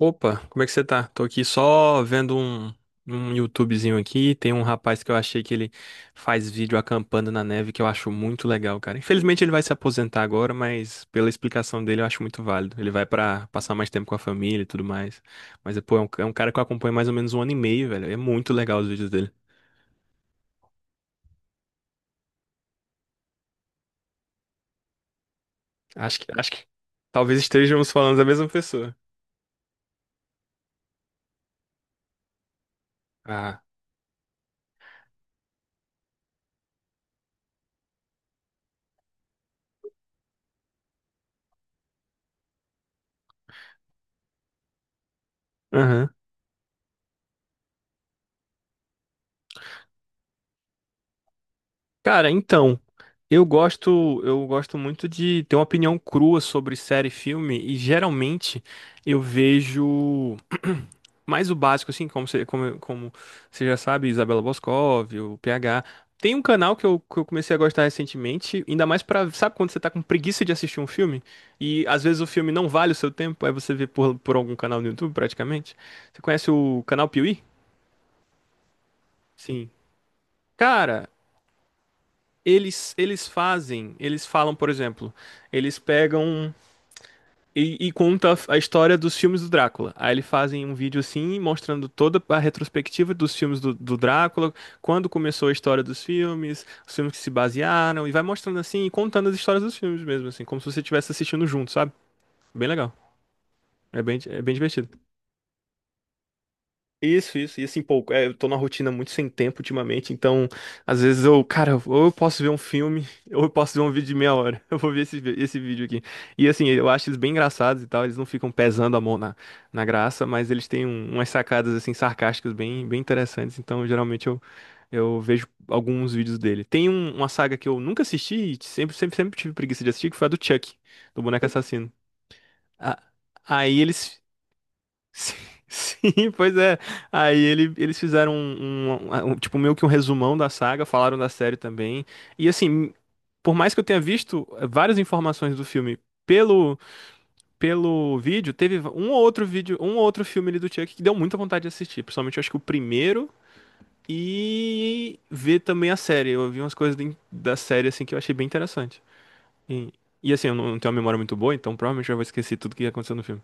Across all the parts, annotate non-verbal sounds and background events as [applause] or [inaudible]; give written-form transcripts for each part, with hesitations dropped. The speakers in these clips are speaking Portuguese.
Opa, como é que você tá? Tô aqui só vendo um YouTubezinho aqui. Tem um rapaz que eu achei que ele faz vídeo acampando na neve que eu acho muito legal, cara. Infelizmente ele vai se aposentar agora, mas pela explicação dele eu acho muito válido. Ele vai pra passar mais tempo com a família e tudo mais. Mas, pô, é um cara que eu acompanho mais ou menos um ano e meio, velho. É muito legal os vídeos dele. Acho que talvez estejamos falando da mesma pessoa. Ah. Aham. Cara, então. Eu gosto muito de ter uma opinião crua sobre série e filme, e geralmente eu vejo [clears throat] mais o básico, assim, como você, como você já sabe, Isabela Boscov, o PH. Tem um canal que eu comecei a gostar recentemente, ainda mais pra, sabe quando você tá com preguiça de assistir um filme? E às vezes o filme não vale o seu tempo, aí você vê por algum canal no YouTube, praticamente. Você conhece o canal Piuí? Sim. Cara, eles fazem, eles falam, por exemplo, eles pegam. E conta a história dos filmes do Drácula. Aí eles fazem um vídeo assim, mostrando toda a retrospectiva dos filmes do, do Drácula, quando começou a história dos filmes, os filmes que se basearam, e vai mostrando assim, e contando as histórias dos filmes mesmo, assim, como se você estivesse assistindo junto, sabe? Bem legal. É bem divertido. Isso, isso. E assim, pô, é, eu tô numa rotina muito sem tempo ultimamente, então às vezes eu, cara, ou eu posso ver um filme, [laughs] ou eu posso ver um vídeo de meia hora. [laughs] Eu vou ver esse, esse vídeo aqui. E assim, eu acho eles bem engraçados e tal, eles não ficam pesando a mão na graça, mas eles têm umas sacadas assim sarcásticas bem, bem interessantes, então geralmente eu vejo alguns vídeos dele. Tem uma saga que eu nunca assisti e sempre tive preguiça de assistir, que foi a do Chuck, do boneco assassino. A- Aí eles. Sim, [laughs] sim, pois é. Aí ele, eles fizeram tipo, meio que um resumão da saga, falaram da série também. E assim, por mais que eu tenha visto várias informações do filme pelo, pelo vídeo, teve um ou outro vídeo, um ou outro filme ali do Chuck que deu muita vontade de assistir. Principalmente, eu acho que o primeiro e ver também a série. Eu vi umas coisas da série assim que eu achei bem interessante. E, e assim, eu não, não tenho uma memória muito boa, então provavelmente eu vou esquecer tudo que aconteceu no filme.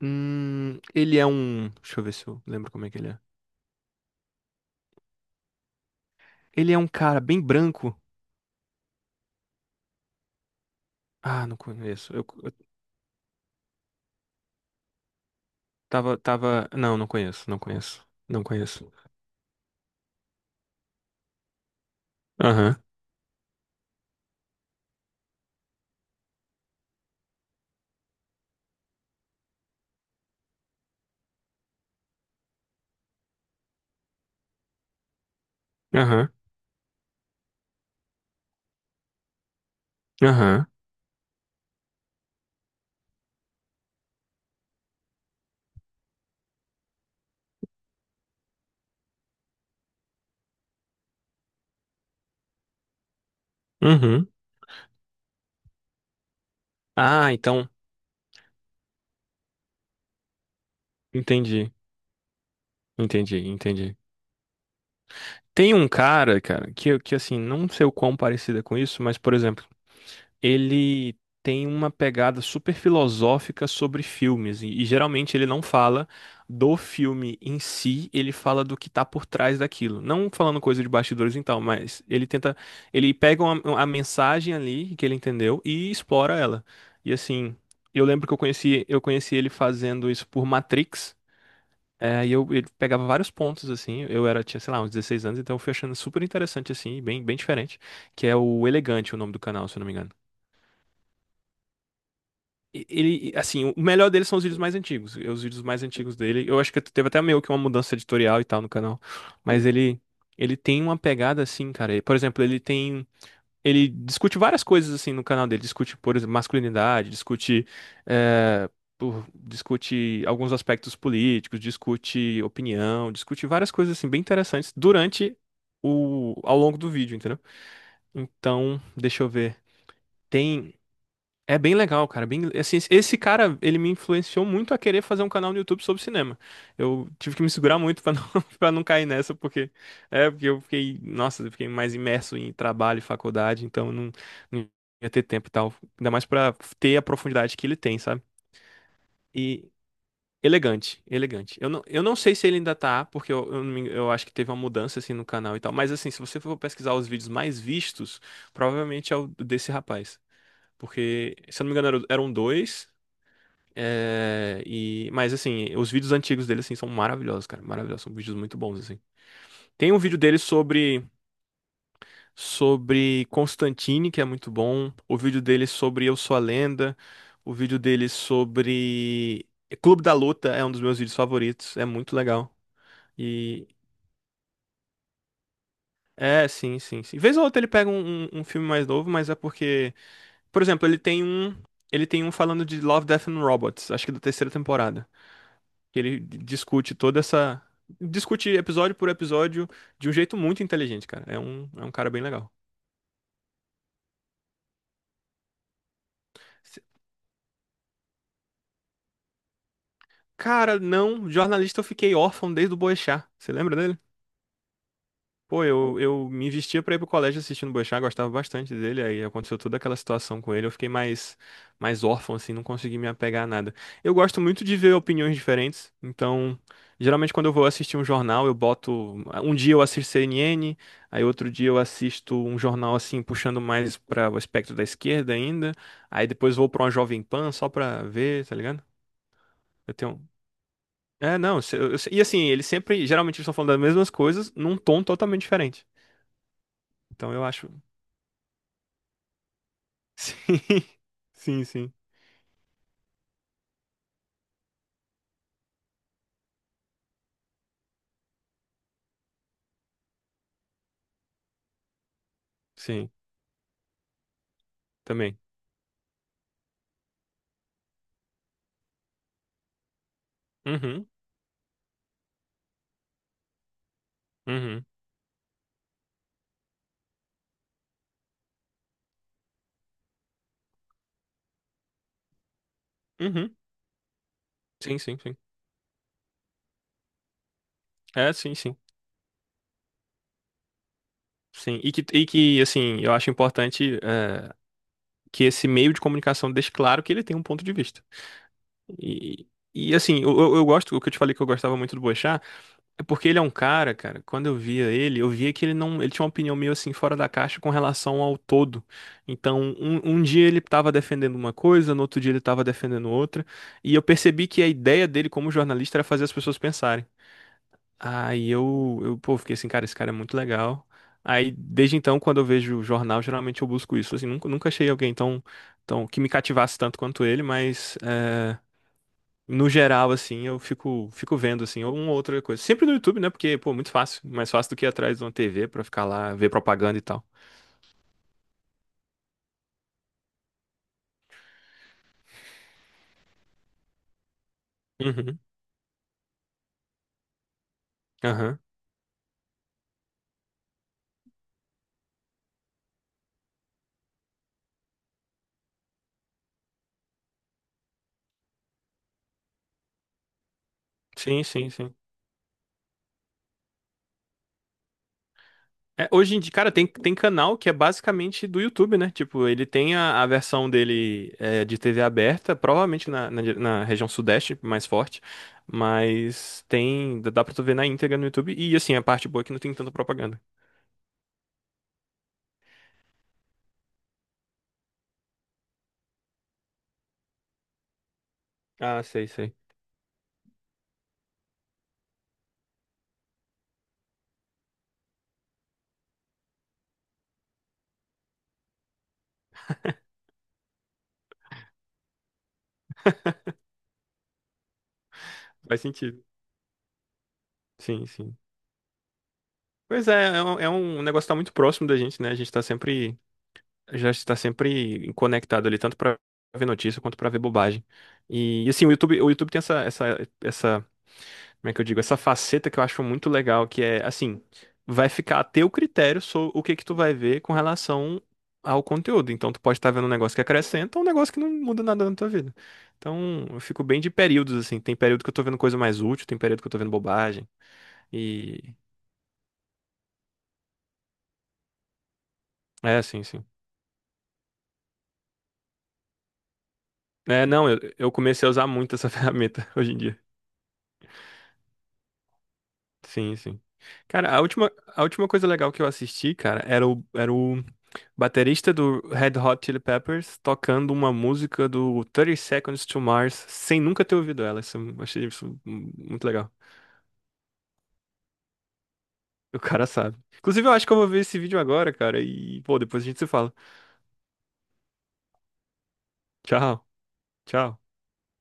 Ele é um. Deixa eu ver se eu lembro como é que ele é. Ele é um cara bem branco. Ah, não conheço. Eu tava. Não, não conheço. Não conheço. Aham, aham, aham, uhum. Ah, então. Entendi, entendi. Tem um cara, cara, que assim, não sei o quão parecida com isso, mas, por exemplo. Ele tem uma pegada super filosófica sobre filmes, e geralmente ele não fala do filme em si, ele fala do que tá por trás daquilo. Não falando coisa de bastidores e tal, mas ele tenta, ele pega a mensagem ali que ele entendeu e explora ela. E assim, eu lembro que eu conheci ele fazendo isso por Matrix. É, e eu, ele pegava vários pontos, assim, eu era, tinha, sei lá, uns 16 anos, então eu fui achando super interessante, assim, e bem, bem diferente, que é o Elegante, o nome do canal, se eu não me engano. Ele, assim, o melhor dele são os vídeos mais antigos. Os vídeos mais antigos dele. Eu acho que teve até meio que uma mudança editorial e tal no canal. Mas ele tem uma pegada assim, cara. Por exemplo, ele tem. Ele discute várias coisas assim no canal dele. Discute, por exemplo, masculinidade, discute. eh, discute alguns aspectos políticos, discute opinião, discute várias coisas assim bem interessantes durante ao longo do vídeo, entendeu? Então, deixa eu ver. Tem. É bem legal, cara. Bem, assim, esse cara, ele me influenciou muito a querer fazer um canal no YouTube sobre cinema. Eu tive que me segurar muito pra não, [laughs] para não cair nessa, porque é porque eu fiquei, nossa, eu fiquei mais imerso em trabalho e faculdade, então eu não, não ia ter tempo e tal. Ainda mais pra ter a profundidade que ele tem, sabe? E elegante. Eu não sei se ele ainda tá, porque eu, não me- eu acho que teve uma mudança assim no canal e tal, mas assim, se você for pesquisar os vídeos mais vistos, provavelmente é o desse rapaz. Porque, se eu não me engano, eram dois. É, e, mas assim, os vídeos antigos dele assim são maravilhosos, cara, maravilhosos, são vídeos muito bons assim. Tem um vídeo dele sobre sobre Constantine, que é muito bom, o vídeo dele sobre Eu Sou a Lenda, o vídeo dele sobre Clube da Luta é um dos meus vídeos favoritos, é muito legal. E é, sim. Vez ou outra ele pega um, um filme mais novo, mas é porque, por exemplo, ele tem um falando de Love, Death and Robots, acho que da terceira temporada. Que ele discute toda essa. Discute episódio por episódio de um jeito muito inteligente, cara. É um cara bem legal. Se- Cara, não, jornalista eu fiquei órfão desde o Boechat. Você lembra dele? Pô, eu me investia pra ir pro colégio assistindo o Boechat, gostava bastante dele, aí aconteceu toda aquela situação com ele, eu fiquei mais, mais órfão, assim, não consegui me apegar a nada. Eu gosto muito de ver opiniões diferentes, então, geralmente quando eu vou assistir um jornal, eu boto... Um dia eu assisto CNN, aí outro dia eu assisto um jornal, assim, puxando mais pra o espectro da esquerda ainda, aí depois vou pra uma Jovem Pan só pra ver, tá ligado? Eu tenho... É, não, e assim, eles sempre, geralmente eles estão falando das mesmas coisas num tom totalmente diferente. Então eu acho. Sim, [laughs] sim, sim, sim, também. Uhum, uhum, uhum. Sim. É, sim. Sim, e que assim, eu acho importante é, que esse meio de comunicação deixe claro que ele tem um ponto de vista. E, e assim, eu, eu gosto, o que eu te falei que eu gostava muito do Boechat, é porque ele é um cara, cara, quando eu via ele, eu via que ele não, ele tinha uma opinião meio assim fora da caixa com relação ao todo. Então, um dia ele estava defendendo uma coisa, no outro dia ele estava defendendo outra, e eu percebi que a ideia dele como jornalista era fazer as pessoas pensarem. Aí eu, pô, fiquei assim, cara, esse cara é muito legal. Aí, desde então, quando eu vejo jornal, geralmente eu busco isso. Assim, nunca achei alguém tão, tão, que me cativasse tanto quanto ele, mas no geral, assim, eu fico, fico vendo, assim, uma ou outra coisa. Sempre no YouTube, né? Porque, pô, muito fácil. Mais fácil do que ir atrás de uma TV pra ficar lá, ver propaganda e tal. Uhum. Aham. Sim. É, hoje em dia, cara, tem, tem canal que é basicamente do YouTube, né? Tipo, ele tem a versão dele é, de TV aberta, provavelmente na, na região sudeste, mais forte. Mas tem, dá pra tu ver na íntegra no YouTube. E, assim, a parte boa é que não tem tanta propaganda. Ah, sei, sei. Faz sentido. Sim, sim. Pois é, é um negócio que tá muito próximo da gente, né? A gente tá sempre, já está sempre conectado ali, tanto pra ver notícia quanto pra ver bobagem. E, assim, o YouTube tem essa, essa, essa, como é que eu digo? Essa faceta que eu acho muito legal, que é, assim, vai ficar a teu critério sobre o que que tu vai ver com relação ao conteúdo. Então, tu pode estar vendo um negócio que acrescenta ou um negócio que não muda nada na tua vida. Então, eu fico bem de períodos, assim. Tem período que eu tô vendo coisa mais útil, tem período que eu tô vendo bobagem. E, é, assim, sim. É, não, eu comecei a usar muito essa [laughs] ferramenta hoje em dia. Sim, sim. Cara, a última coisa legal que eu assisti, cara, era o, era o baterista do Red Hot Chili Peppers tocando uma música do 30 Seconds to Mars sem nunca ter ouvido ela. Isso, eu achei isso muito legal. O cara sabe. Inclusive, eu acho que eu vou ver esse vídeo agora, cara, e, pô, depois a gente se fala. Tchau, tchau.